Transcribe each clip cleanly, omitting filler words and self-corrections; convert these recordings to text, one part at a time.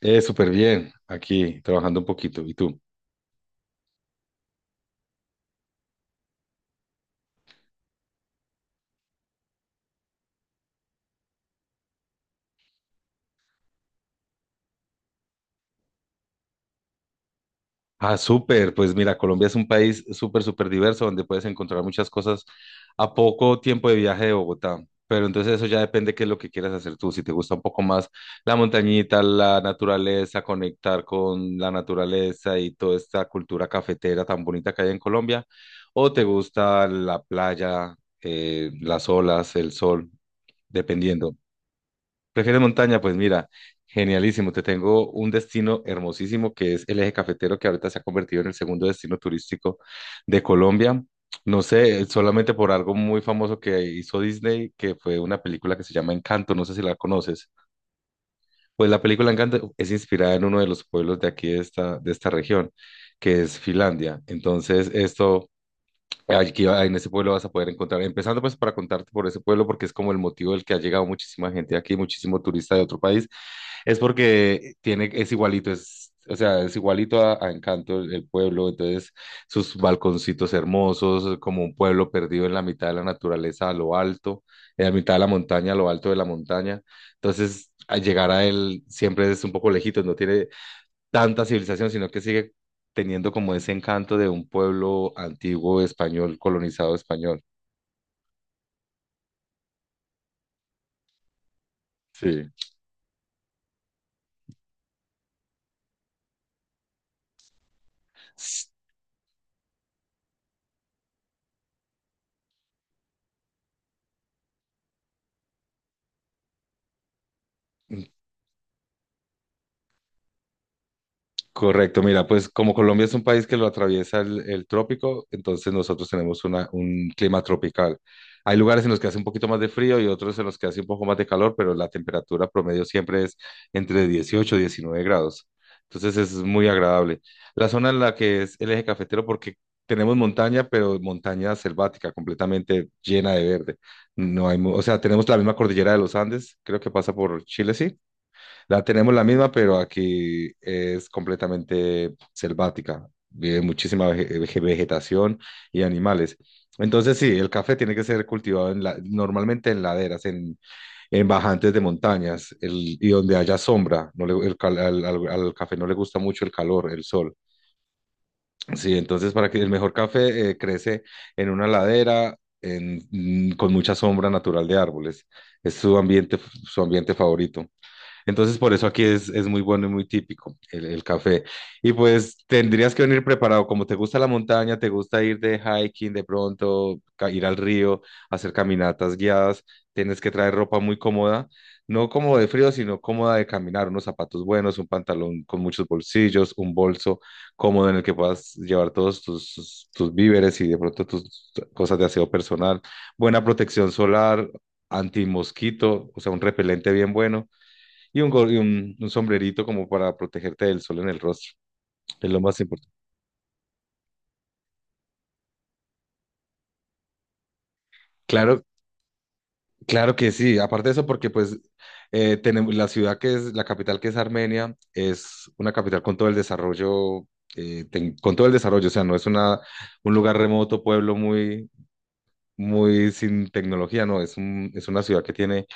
Súper bien, aquí trabajando un poquito. ¿Y tú? Ah, súper. Pues mira, Colombia es un país súper, súper diverso donde puedes encontrar muchas cosas a poco tiempo de viaje de Bogotá. Pero entonces eso ya depende qué es lo que quieras hacer tú. Si te gusta un poco más la montañita, la naturaleza, conectar con la naturaleza y toda esta cultura cafetera tan bonita que hay en Colombia, o te gusta la playa, las olas, el sol, dependiendo. ¿Prefieres montaña? Pues mira, genialísimo. Te tengo un destino hermosísimo que es el eje cafetero que ahorita se ha convertido en el segundo destino turístico de Colombia. No sé, solamente por algo muy famoso que hizo Disney, que fue una película que se llama Encanto, no sé si la conoces. Pues la película Encanto es inspirada en uno de los pueblos de aquí, de esta región, que es Finlandia. Entonces, esto, aquí en ese pueblo vas a poder encontrar, empezando pues para contarte por ese pueblo, porque es como el motivo del que ha llegado muchísima gente aquí, muchísimo turista de otro país es porque tiene, es igualito, o sea, es igualito a Encanto el pueblo, entonces sus balconcitos hermosos, como un pueblo perdido en la mitad de la naturaleza, a lo alto, en la mitad de la montaña, a lo alto de la montaña. Entonces, al llegar a él siempre es un poco lejito, no tiene tanta civilización, sino que sigue teniendo como ese encanto de un pueblo antiguo español, colonizado español. Sí. Correcto, mira, pues como Colombia es un país que lo atraviesa el trópico, entonces nosotros tenemos un clima tropical. Hay lugares en los que hace un poquito más de frío y otros en los que hace un poco más de calor, pero la temperatura promedio siempre es entre 18 y 19 grados. Entonces es muy agradable. La zona en la que es el eje cafetero, porque tenemos montaña, pero montaña selvática, completamente llena de verde. No hay, o sea, tenemos la misma cordillera de los Andes, creo que pasa por Chile, sí. La tenemos la misma, pero aquí es completamente selvática. Vive muchísima vegetación y animales. Entonces, sí, el café tiene que ser cultivado en normalmente en laderas, en bajantes de montañas y donde haya sombra. No le- el cal- al, al- al café no le gusta mucho el calor, el sol. Sí, entonces para que el mejor café crece en una ladera con mucha sombra natural de árboles. Es su ambiente favorito. Entonces, por eso aquí es muy bueno y muy típico el café. Y pues tendrías que venir preparado, como te gusta la montaña, te gusta ir de hiking de pronto, ir al río, hacer caminatas guiadas, tienes que traer ropa muy cómoda, no como de frío, sino cómoda de caminar, unos zapatos buenos, un pantalón con muchos bolsillos, un bolso cómodo en el que puedas llevar todos tus víveres y de pronto tus cosas de aseo personal, buena protección solar, antimosquito, o sea, un repelente bien bueno y un, gor- y un sombrerito como para protegerte del sol en el rostro, es lo más importante. Claro, claro que sí. Aparte de eso, porque pues tenemos la ciudad que es, la capital que es Armenia, es una capital con todo el desarrollo, con todo el desarrollo, o sea, no es un lugar remoto, pueblo muy, muy sin tecnología, no, es una ciudad que tiene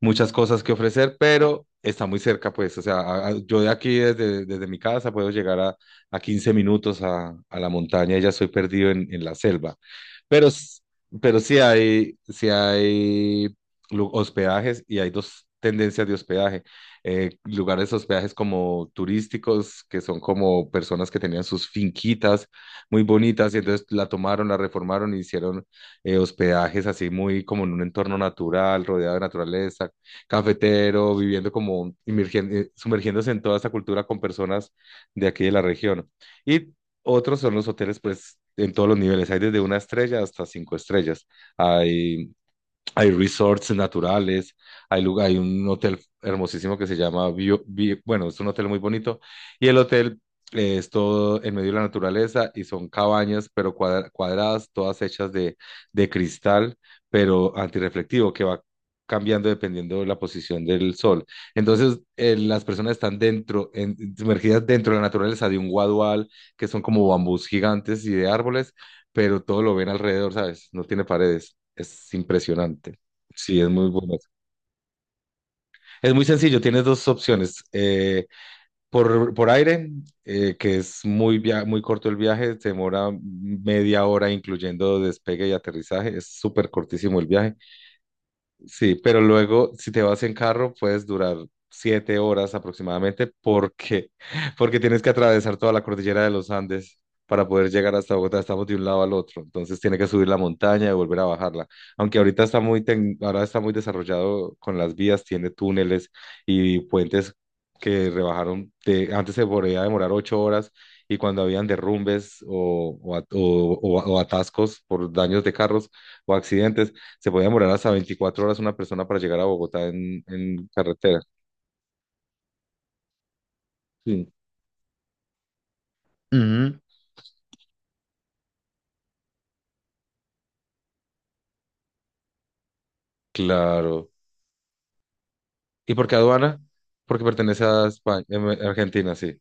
muchas cosas que ofrecer, pero está muy cerca, pues, o sea, yo de aquí, desde mi casa, puedo llegar a 15 minutos a la montaña y ya estoy perdido en la selva. Pero, s- pero sí hay hospedajes y hay dos tendencias de hospedaje. Lugares hospedajes como turísticos, que son como personas que tenían sus finquitas muy bonitas y entonces la tomaron, la reformaron y hicieron hospedajes así muy como en un entorno natural, rodeado de naturaleza, cafetero, viviendo como sumergiéndose en toda esa cultura con personas de aquí de la región. Y otros son los hoteles, pues, en todos los niveles. Hay desde una estrella hasta cinco estrellas. Hay hay resorts naturales, hay lugar, hay un hotel hermosísimo que se llama, bueno, es un hotel muy bonito y el hotel es todo en medio de la naturaleza y son cabañas, pero cuadradas, todas hechas de cristal, pero antirreflectivo, que va cambiando dependiendo de la posición del sol. Entonces, las personas están dentro, sumergidas dentro de la naturaleza de un guadual, que son como bambús gigantes y de árboles, pero todo lo ven alrededor, ¿sabes? No tiene paredes. Es impresionante. Sí, es muy bueno. Es muy sencillo, tienes dos opciones. Por aire, que es muy, muy corto el viaje, se demora 1/2 hora incluyendo despegue y aterrizaje, es súper cortísimo el viaje. Sí, pero luego si te vas en carro puedes durar 7 horas aproximadamente porque, porque tienes que atravesar toda la cordillera de los Andes para poder llegar hasta Bogotá. Estamos de un lado al otro, entonces tiene que subir la montaña y volver a bajarla. Aunque ahorita está muy, ahora está muy desarrollado con las vías, tiene túneles y puentes que rebajaron. Antes se podía demorar 8 horas y cuando habían derrumbes o at- o atascos por daños de carros o accidentes se podía demorar hasta 24 horas una persona para llegar a Bogotá en carretera. Sí. Ujú. Claro. ¿Y por qué aduana? Porque pertenece a España, Argentina, sí,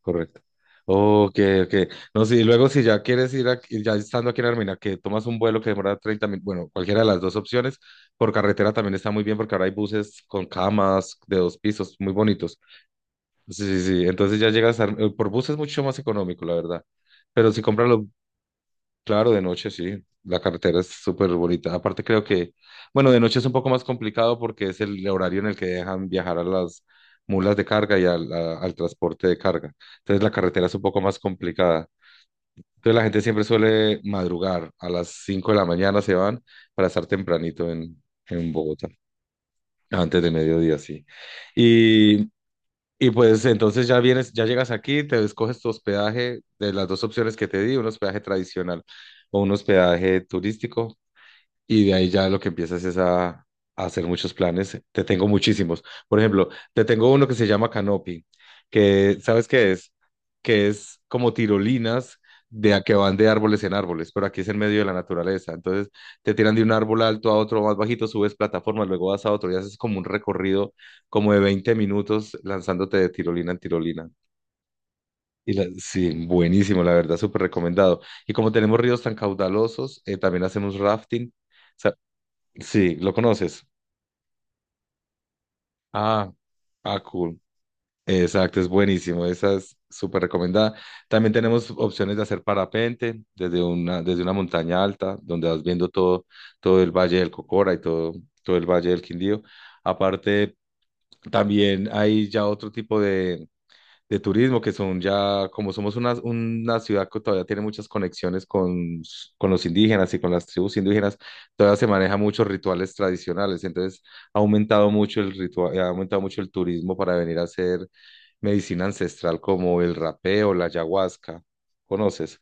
correcto. Ok, ok. No, sí, y luego si ya quieres ir, ya estando aquí en Armenia, que tomas un vuelo que demora 30 minutos, bueno, cualquiera de las dos opciones, por carretera también está muy bien porque ahora hay buses con camas de dos pisos, muy bonitos. Sí, sí, sí. Entonces ya llegas, a por bus es mucho más económico, la verdad. Pero si compras los. Claro, de noche sí, la carretera es súper bonita. Aparte creo que, bueno, de noche es un poco más complicado porque es el horario en el que dejan viajar a las mulas de carga y al transporte de carga. Entonces la carretera es un poco más complicada. Entonces la gente siempre suele madrugar, a las 5 de la mañana se van para estar tempranito en Bogotá, antes de mediodía, sí. Y y pues entonces ya vienes, ya llegas aquí, te escoges tu hospedaje de las dos opciones que te di, un hospedaje tradicional o un hospedaje turístico y de ahí ya lo que empiezas es a hacer muchos planes. Te tengo muchísimos. Por ejemplo, te tengo uno que se llama canopy, que ¿sabes qué es? Que es como tirolinas de a que van de árboles en árboles, pero aquí es en medio de la naturaleza. Entonces te tiran de un árbol alto a otro más bajito, subes plataformas, luego vas a otro y haces como un recorrido como de 20 minutos lanzándote de tirolina en tirolina. Y sí, buenísimo, la verdad, súper recomendado. Y como tenemos ríos tan caudalosos, también hacemos rafting. Sí, lo conoces. Ah, ah, cool. Exacto, es buenísimo. Esa es súper recomendada. También tenemos opciones de hacer parapente desde una montaña alta, donde vas viendo todo, todo el Valle del Cocora y todo, todo el Valle del Quindío. Aparte, también hay ya otro tipo de turismo, que son ya, como somos una ciudad que todavía tiene muchas conexiones con los indígenas y con las tribus indígenas, todavía se manejan muchos rituales tradicionales, entonces ha aumentado mucho el ritual, ha aumentado mucho el turismo para venir a hacer medicina ancestral como el rapé o la ayahuasca, ¿conoces?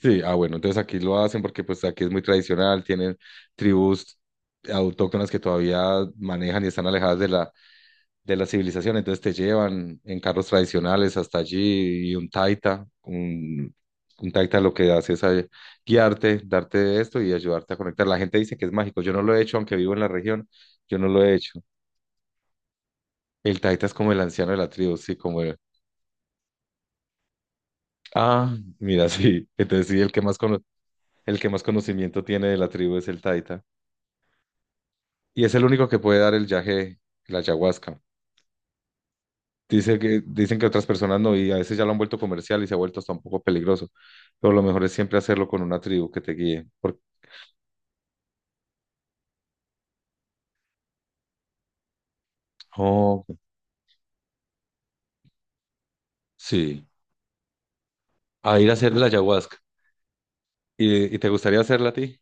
Sí, ah bueno, entonces aquí lo hacen porque pues aquí es muy tradicional, tienen tribus autóctonas que todavía manejan y están alejadas de la civilización, entonces te llevan en carros tradicionales hasta allí y un taita, un taita lo que hace es guiarte, darte esto y ayudarte a conectar. La gente dice que es mágico, yo no lo he hecho, aunque vivo en la región, yo no lo he hecho. El taita es como el anciano de la tribu, sí, como el... Ah, mira, sí, entonces sí, el que más conocimiento tiene de la tribu es el taita y es el único que puede dar el yaje, la ayahuasca. Dicen que otras personas no, y a veces ya lo han vuelto comercial y se ha vuelto hasta un poco peligroso. Pero lo mejor es siempre hacerlo con una tribu que te guíe. Oh, sí. A ir a hacer la ayahuasca. ¿Y te gustaría hacerla a ti?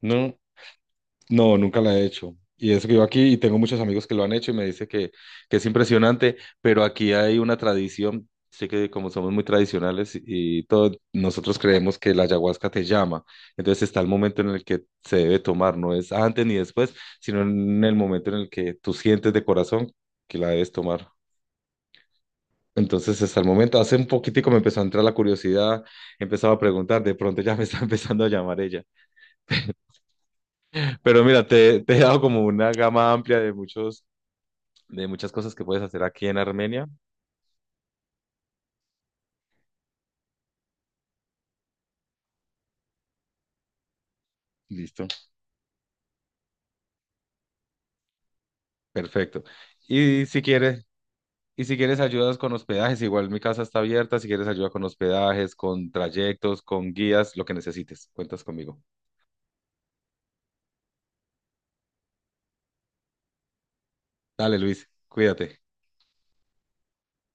No. No, nunca la he hecho. Y eso que yo aquí, y tengo muchos amigos que lo han hecho y me dice que es impresionante, pero aquí hay una tradición, sé que como somos muy tradicionales y todo, nosotros creemos que la ayahuasca te llama. Entonces está el momento en el que se debe tomar, no es antes ni después, sino en el momento en el que tú sientes de corazón que la debes tomar. Entonces, hasta el momento, hace un poquitico me empezó a entrar la curiosidad, empezaba a preguntar, de pronto ya me está empezando a llamar ella. Pero mira, te he dado como una gama amplia de muchos de muchas cosas que puedes hacer aquí en Armenia. Listo. Perfecto. Y si quieres, y si quieres ayudas con hospedajes, igual mi casa está abierta, si quieres ayuda con hospedajes, con trayectos, con guías, lo que necesites, cuentas conmigo. Dale, Luis, cuídate.